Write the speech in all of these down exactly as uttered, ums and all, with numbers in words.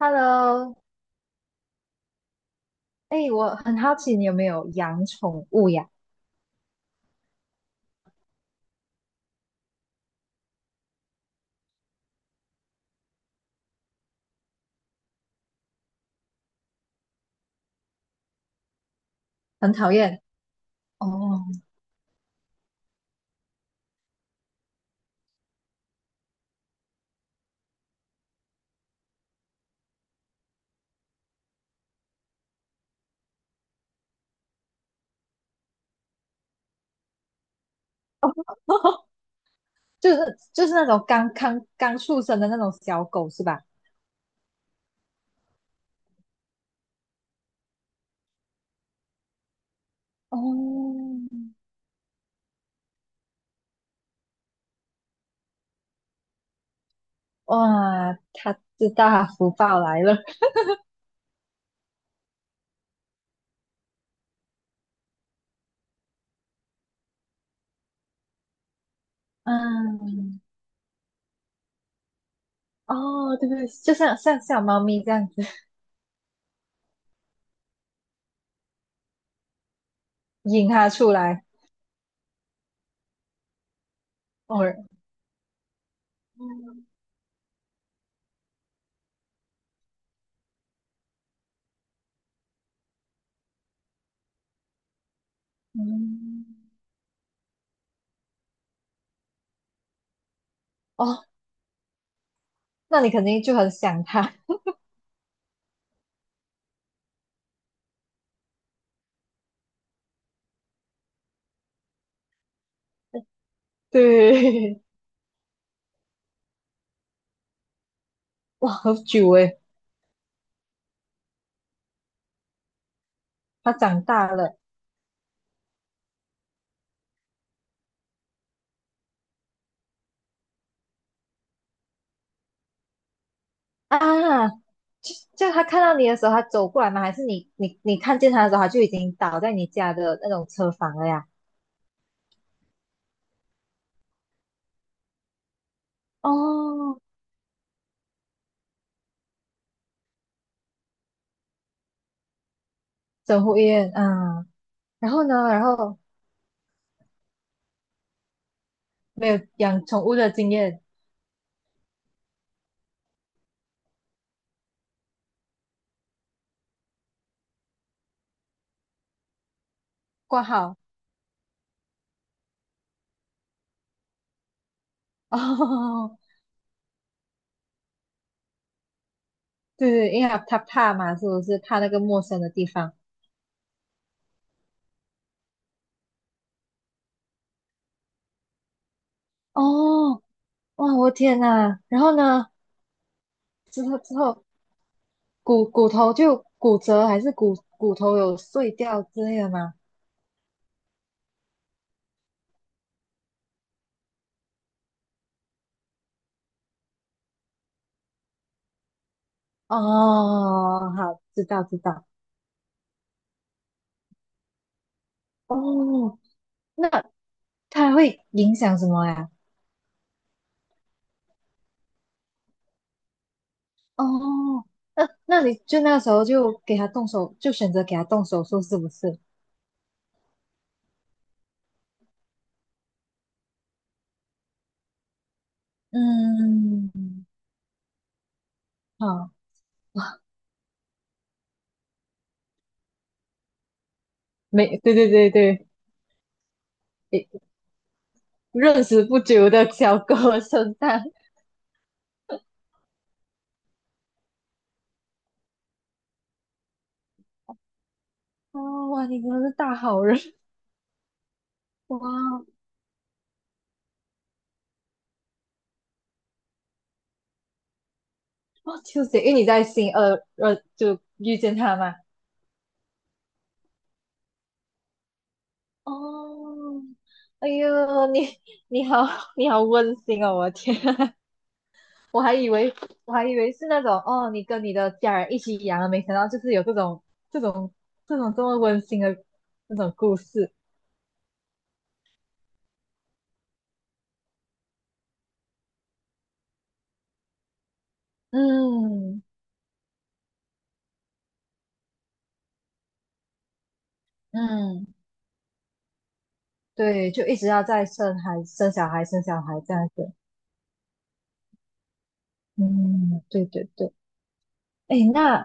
Hello，哎、我很好奇你有没有养宠物呀？很讨厌哦，就是就是那种刚刚刚出生的那种小狗是吧？哦，哇，他知道他福报来了，嗯，哦，对对，就像像小猫咪这样子引它出来，哦，嗯，哦，那你肯定就很想它，对，哇，好久诶，它长大了。啊，就就他看到你的时候，他走过来吗？还是你你你看见他的时候，他就已经倒在你家的那种车房了呀？哦，整户医院，嗯，然后呢，然后没有养宠物的经验，挂号，哦，对对，因为他他怕嘛，是不是怕那个陌生的地方？哦，哇，我天呐，然后呢，之后之后骨骨头就骨折，还是骨骨头有碎掉之类的吗？哦，好，知道知道。哦，那他会影响什么呀？哦，那那你就那时候就给他动手，就选择给他动手术，是不是？嗯，好，没，对对对对，诶认识不久的小哥身上，哦，哇，你真的是大好人，哇，哦，就是因为你在新二呃就遇见他嘛。哦，哎呦，你你好你好温馨哦，我的天，我还以为我还以为是那种哦，你跟你的家人一起养了，没想到就是有这种这种这种这么温馨的那种故事。嗯嗯，对，就一直要在生孩生小孩生小孩这样子。嗯，对对对。哎，那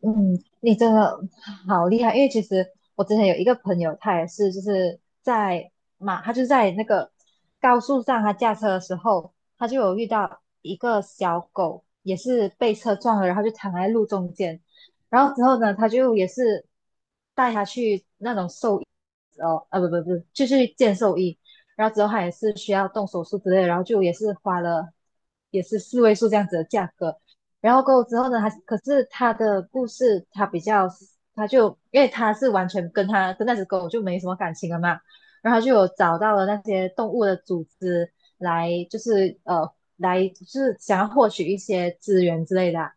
嗯，你真的好厉害，因为其实我之前有一个朋友，他也是就是在马，他就在那个高速上，他驾车的时候，他就有遇到一个小狗，也是被车撞了，然后就躺在路中间，然后之后呢，他就也是带他去那种兽医哦，啊不不不，就去见兽医，然后之后他也是需要动手术之类的，然后就也是花了也是四位数这样子的价格。然后过后之后呢，他可是他的故事，他比较，他就因为他是完全跟他跟那只狗就没什么感情了嘛，然后他就有找到了那些动物的组织来，就是呃，来就是想要获取一些资源之类的啊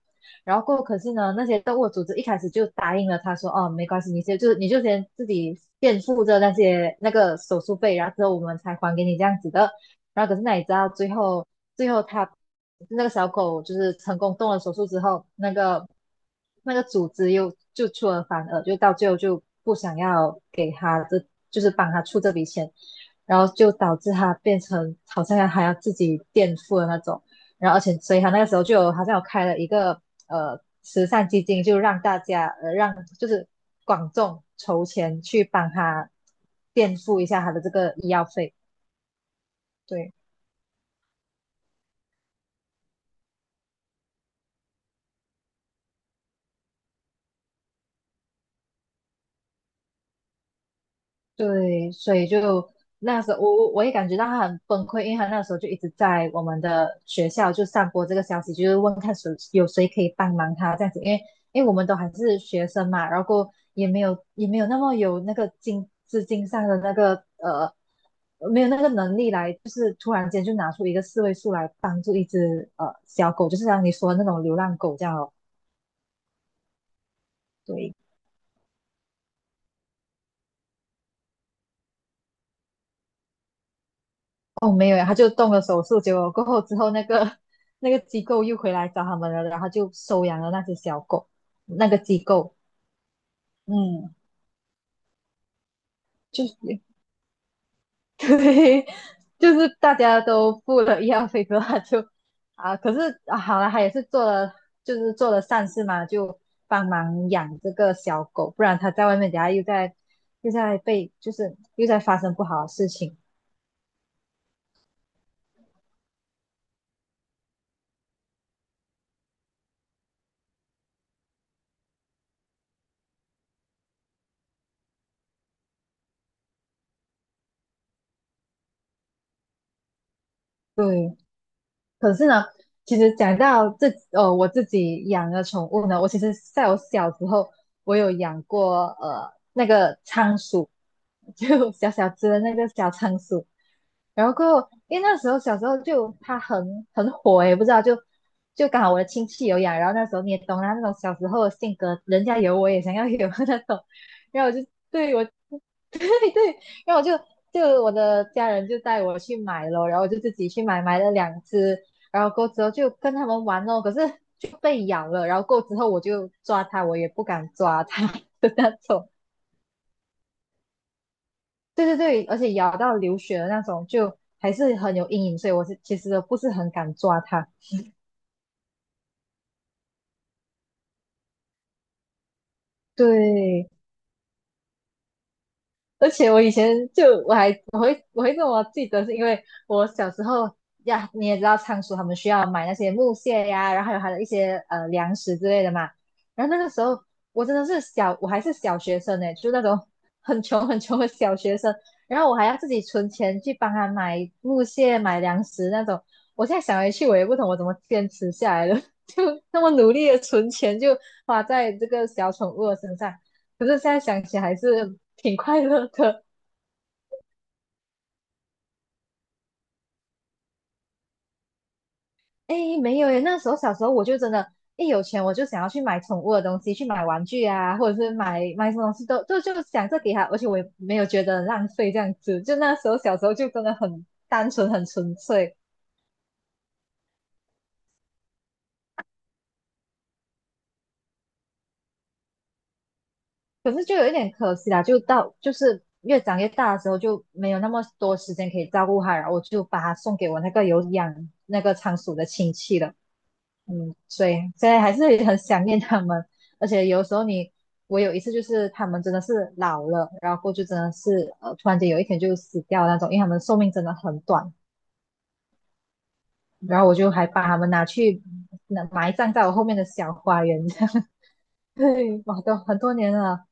然后过后可是呢，那些动物组织一开始就答应了他说，哦，没关系，你先就是你就先自己垫付着那些那个手术费，然后之后我们才还给你这样子的。然后可是那你知道最后最后他那个小狗就是成功动了手术之后，那个那个组织又就出尔反尔，就到最后就不想要给他这就是帮他出这笔钱，然后就导致他变成好像还要自己垫付的那种，然后而且所以他那个时候就有好像有开了一个呃慈善基金，就让大家呃让就是广众筹钱去帮他垫付一下他的这个医药费，对。对，所以就那时候我我我也感觉到他很崩溃，因为他那时候就一直在我们的学校就散播这个消息，就是问看谁有谁可以帮忙他这样子，因为因为我们都还是学生嘛，然后过后也没有也没有那么有那个经资金上的那个呃没有那个能力来，就是突然间就拿出一个四位数来帮助一只呃小狗，就是像你说的那种流浪狗这样哦，对。哦，没有呀，他就动了手术，结果过后之后，那个 那个机构又回来找他们了，然后他就收养了那些小狗，那个机构，嗯，就是 对，就是大家都付了医药费之后，他就啊，可是啊，好了，他也是做了，就是做了善事嘛，就帮忙养这个小狗，不然他在外面，等下又在又在被，就是又在发生不好的事情，对，可是呢，其实讲到这，呃，我自己养的宠物呢，我其实在我小时候，我有养过呃那个仓鼠，就小小只的那个小仓鼠。然后过后，因为那时候小时候就它很很火诶，不知道就就刚好我的亲戚有养，然后那时候你也懂啦，那种小时候的性格，人家有我也想要有 那种，然后我就对我然后我就就我的家人就带我去买了，然后我就自己去买，买了两只，然后过之后就跟他们玩哦，可是就被咬了，然后过之后我就抓它，我也不敢抓它 的那种，对对对，而且咬到流血的那种，就还是很有阴影，所以我是其实不是很敢抓它，对。而且我以前就我还我会我会这么记得，是因为我小时候呀，你也知道仓鼠他们需要买那些木屑呀，然后还有它的一些呃粮食之类的嘛。然后那个时候我真的是小，我还是小学生呢，就那种很穷很穷的小学生。然后我还要自己存钱去帮他买木屑、买粮食那种。我现在想回去，我也不懂我怎么坚持下来了，就那么努力的存钱，就花在这个小宠物的身上。可是现在想起还是挺快乐的。哎，没有耶，那时候小时候我就真的，一有钱我就想要去买宠物的东西，去买玩具啊，或者是买买什么东西都都就想着给他，而且我也没有觉得浪费这样子。就那时候小时候就真的很单纯，很纯粹。可是就有一点可惜啦，就到就是越长越大的时候就没有那么多时间可以照顾他，然后我就把他送给我那个有养那个仓鼠的亲戚了。嗯，所以现在还是很想念他们，而且有时候你，我有一次就是他们真的是老了，然后过就真的是呃，突然间有一天就死掉那种，因为他们寿命真的很短，然后我就还把他们拿去那埋葬在我后面的小花园，这样，对，我都很多年了，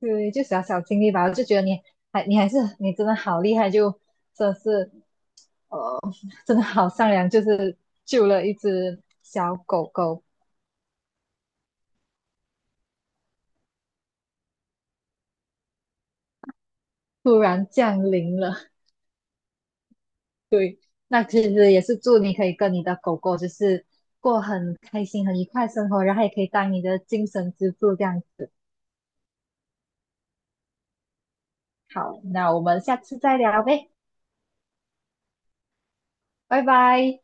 对，就小小经历吧，我就觉得你还你还是你真的好厉害，就真的是呃，真的好善良，就是救了一只小狗狗，突然降临了。那其实也是祝你可以跟你的狗狗就是过很开心、很愉快的生活，然后也可以当你的精神支柱这样子。好，那我们下次再聊呗，拜拜。